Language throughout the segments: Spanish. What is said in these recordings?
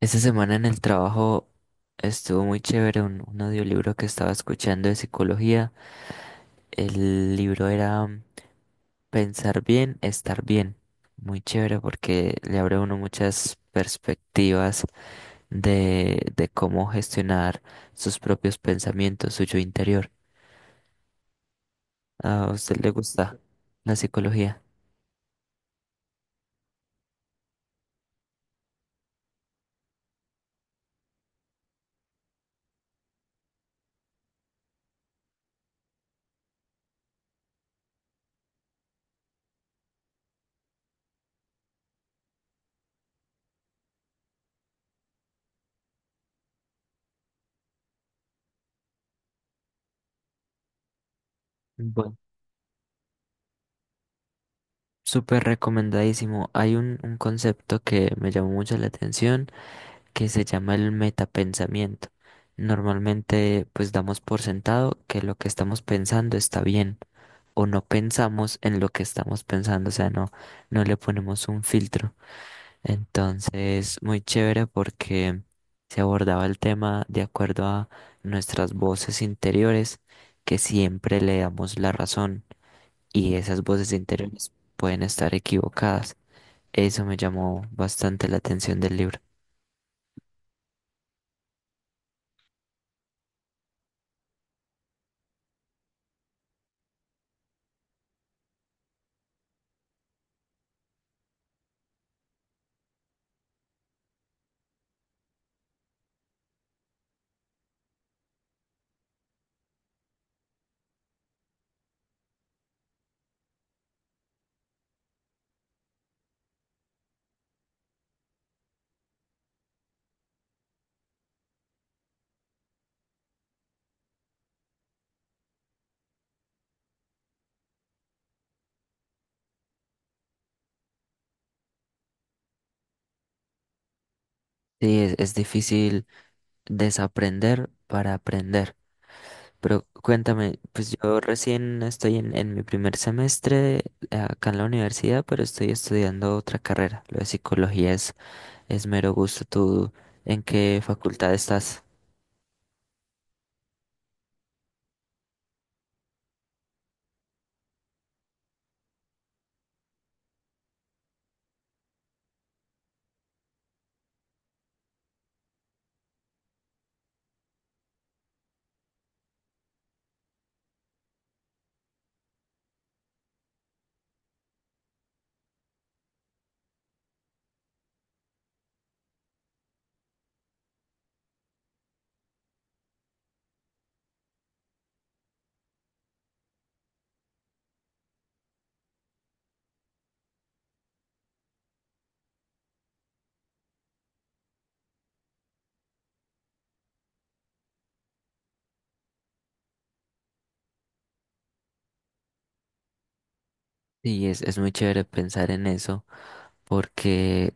Esta semana en el trabajo estuvo muy chévere un audiolibro que estaba escuchando de psicología. El libro era Pensar bien, estar bien. Muy chévere porque le abre a uno muchas perspectivas de cómo gestionar sus propios pensamientos, suyo interior. ¿A usted le gusta la psicología? Súper recomendadísimo. Hay un concepto que me llamó mucho la atención que se llama el metapensamiento. Normalmente pues damos por sentado que lo que estamos pensando está bien o no pensamos en lo que estamos pensando, o sea, no, no le ponemos un filtro. Entonces, muy chévere porque se abordaba el tema de acuerdo a nuestras voces interiores que siempre le damos la razón y esas voces interiores pueden estar equivocadas. Eso me llamó bastante la atención del libro. Sí, es difícil desaprender para aprender. Pero cuéntame, pues yo recién estoy en mi primer semestre acá en la universidad, pero estoy estudiando otra carrera. Lo de psicología es mero gusto. ¿Tú en qué facultad estás? Sí, es muy chévere pensar en eso porque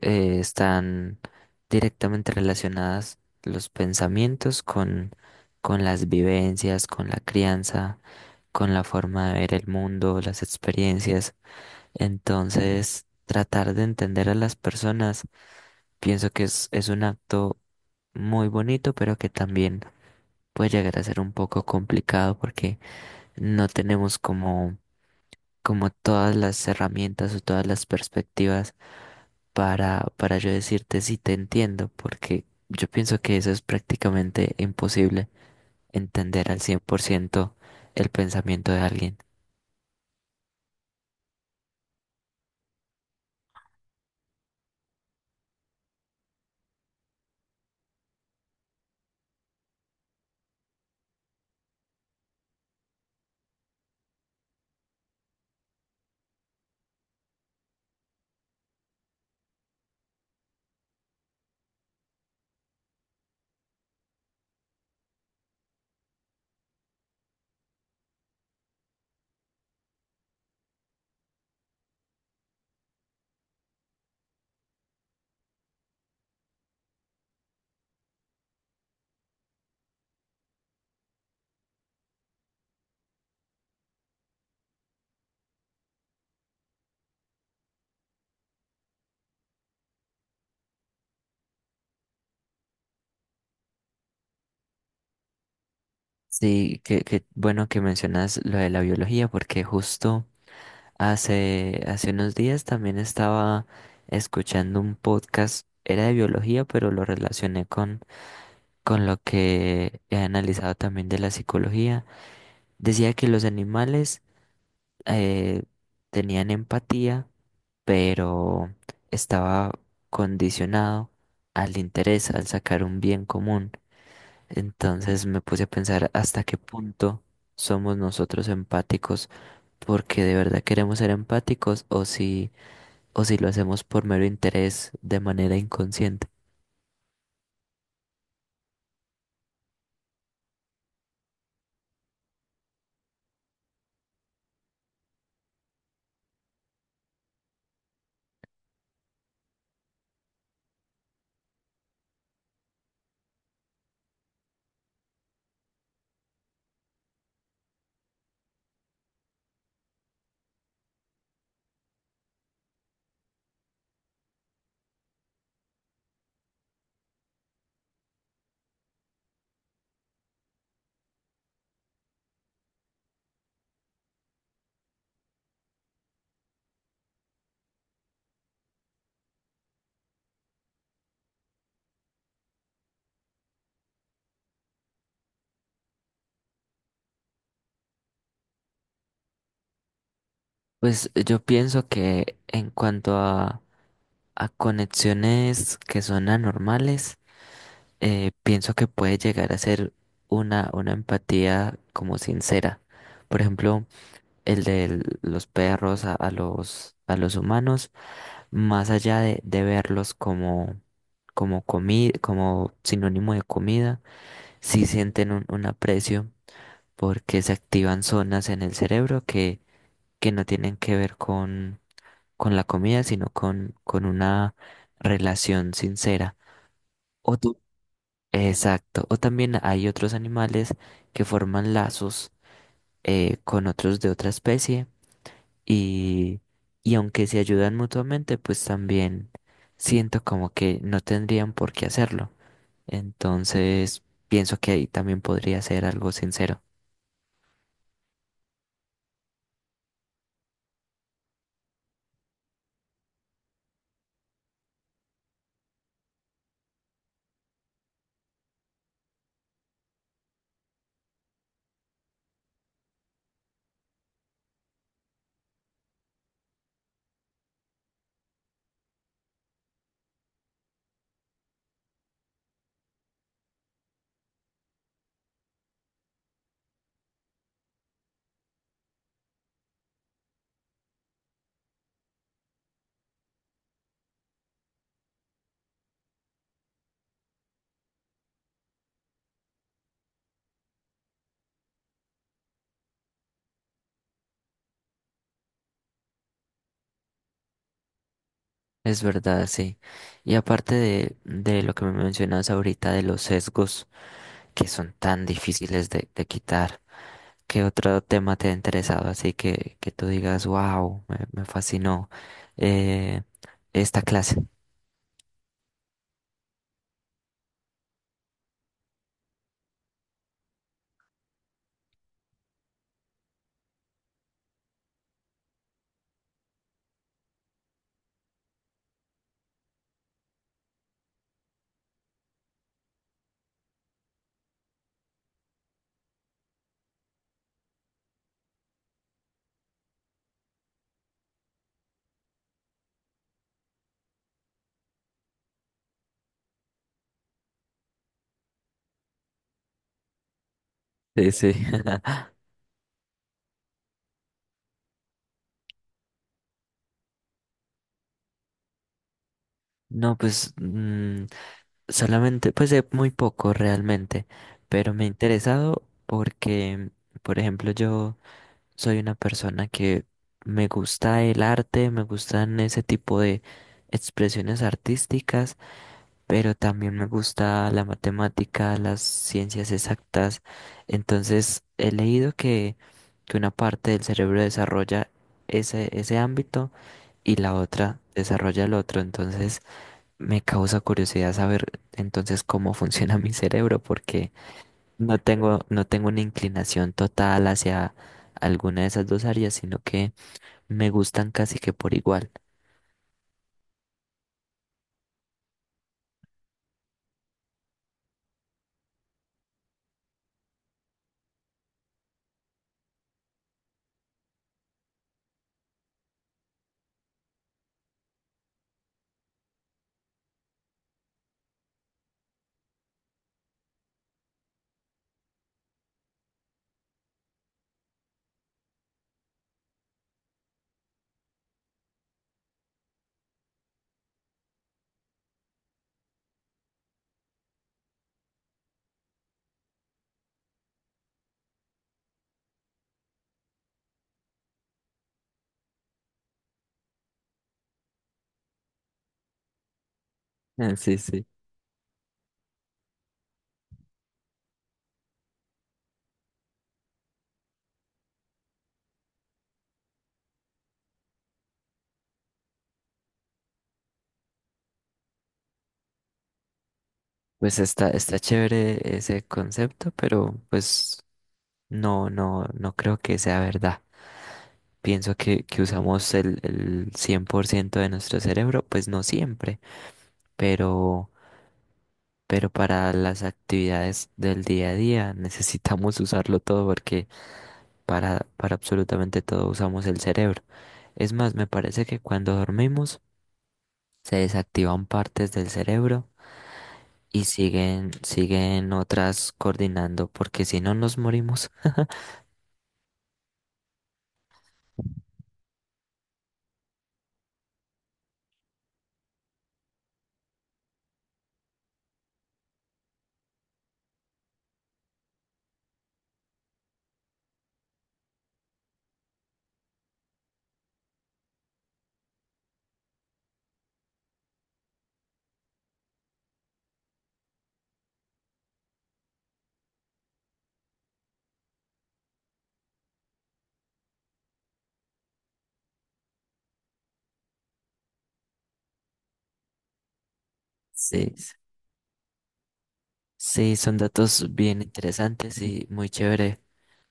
están directamente relacionadas los pensamientos con las vivencias, con la crianza, con la forma de ver el mundo, las experiencias. Entonces, tratar de entender a las personas, pienso que es un acto muy bonito, pero que también puede llegar a ser un poco complicado porque no tenemos como como todas las herramientas o todas las perspectivas para yo decirte si te entiendo, porque yo pienso que eso es prácticamente imposible, entender al 100% el pensamiento de alguien. Sí, que bueno que mencionas lo de la biología, porque justo hace unos días también estaba escuchando un podcast, era de biología, pero lo relacioné con lo que he analizado también de la psicología. Decía que los animales eh, tenían empatía, pero estaba condicionado al interés, al sacar un bien común. Entonces me puse a pensar hasta qué punto somos nosotros empáticos, porque de verdad queremos ser empáticos o si lo hacemos por mero interés de manera inconsciente. Pues yo pienso que en cuanto a conexiones que son anormales, pienso que puede llegar a ser una empatía como sincera. Por ejemplo, el de los perros a a los humanos, más allá de verlos como, como, como sinónimo de comida, sí sienten un aprecio porque se activan zonas en el cerebro que no tienen que ver con la comida, sino con una relación sincera. Exacto. O también hay otros animales que forman lazos con otros de otra especie y, y aunque se ayudan mutuamente, pues también siento como que no tendrían por qué hacerlo. Entonces, pienso que ahí también podría ser algo sincero. Es verdad, sí. Y aparte de lo que me mencionas ahorita de los sesgos que son tan difíciles de quitar. ¿Qué otro tema te ha interesado? Así que tú digas, wow, me fascinó eh, esta clase. Sí, sí. No, pues mm, solamente, pues de muy poco realmente, pero me ha interesado porque, por ejemplo, yo soy una persona que me gusta el arte, me gustan ese tipo de expresiones artísticas pero también me gusta la matemática, las ciencias exactas. Entonces, he leído que una parte del cerebro desarrolla ese ámbito y la otra desarrolla el otro. Entonces, me causa curiosidad saber entonces cómo funciona mi cerebro, porque no tengo, no tengo una inclinación total hacia alguna de esas dos áreas, sino que me gustan casi que por igual. Ah, sí, sí. Pues está, está chévere ese concepto, pero pues no, no, no creo que sea verdad. Pienso que usamos el 100% de nuestro cerebro, pues no siempre, pero, pero para las actividades del día a día necesitamos usarlo todo porque para absolutamente todo usamos el cerebro. Es más, me parece que cuando dormimos se desactivan partes del cerebro y siguen, siguen otras coordinando porque si no nos morimos. Sí. Sí, son datos bien interesantes y muy chévere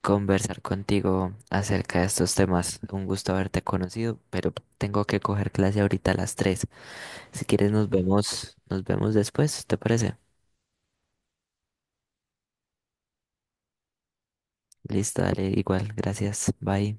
conversar contigo acerca de estos temas. Un gusto haberte conocido, pero tengo que coger clase ahorita a las 3. Si quieres nos vemos después, ¿te parece? Listo, dale, igual, gracias, bye.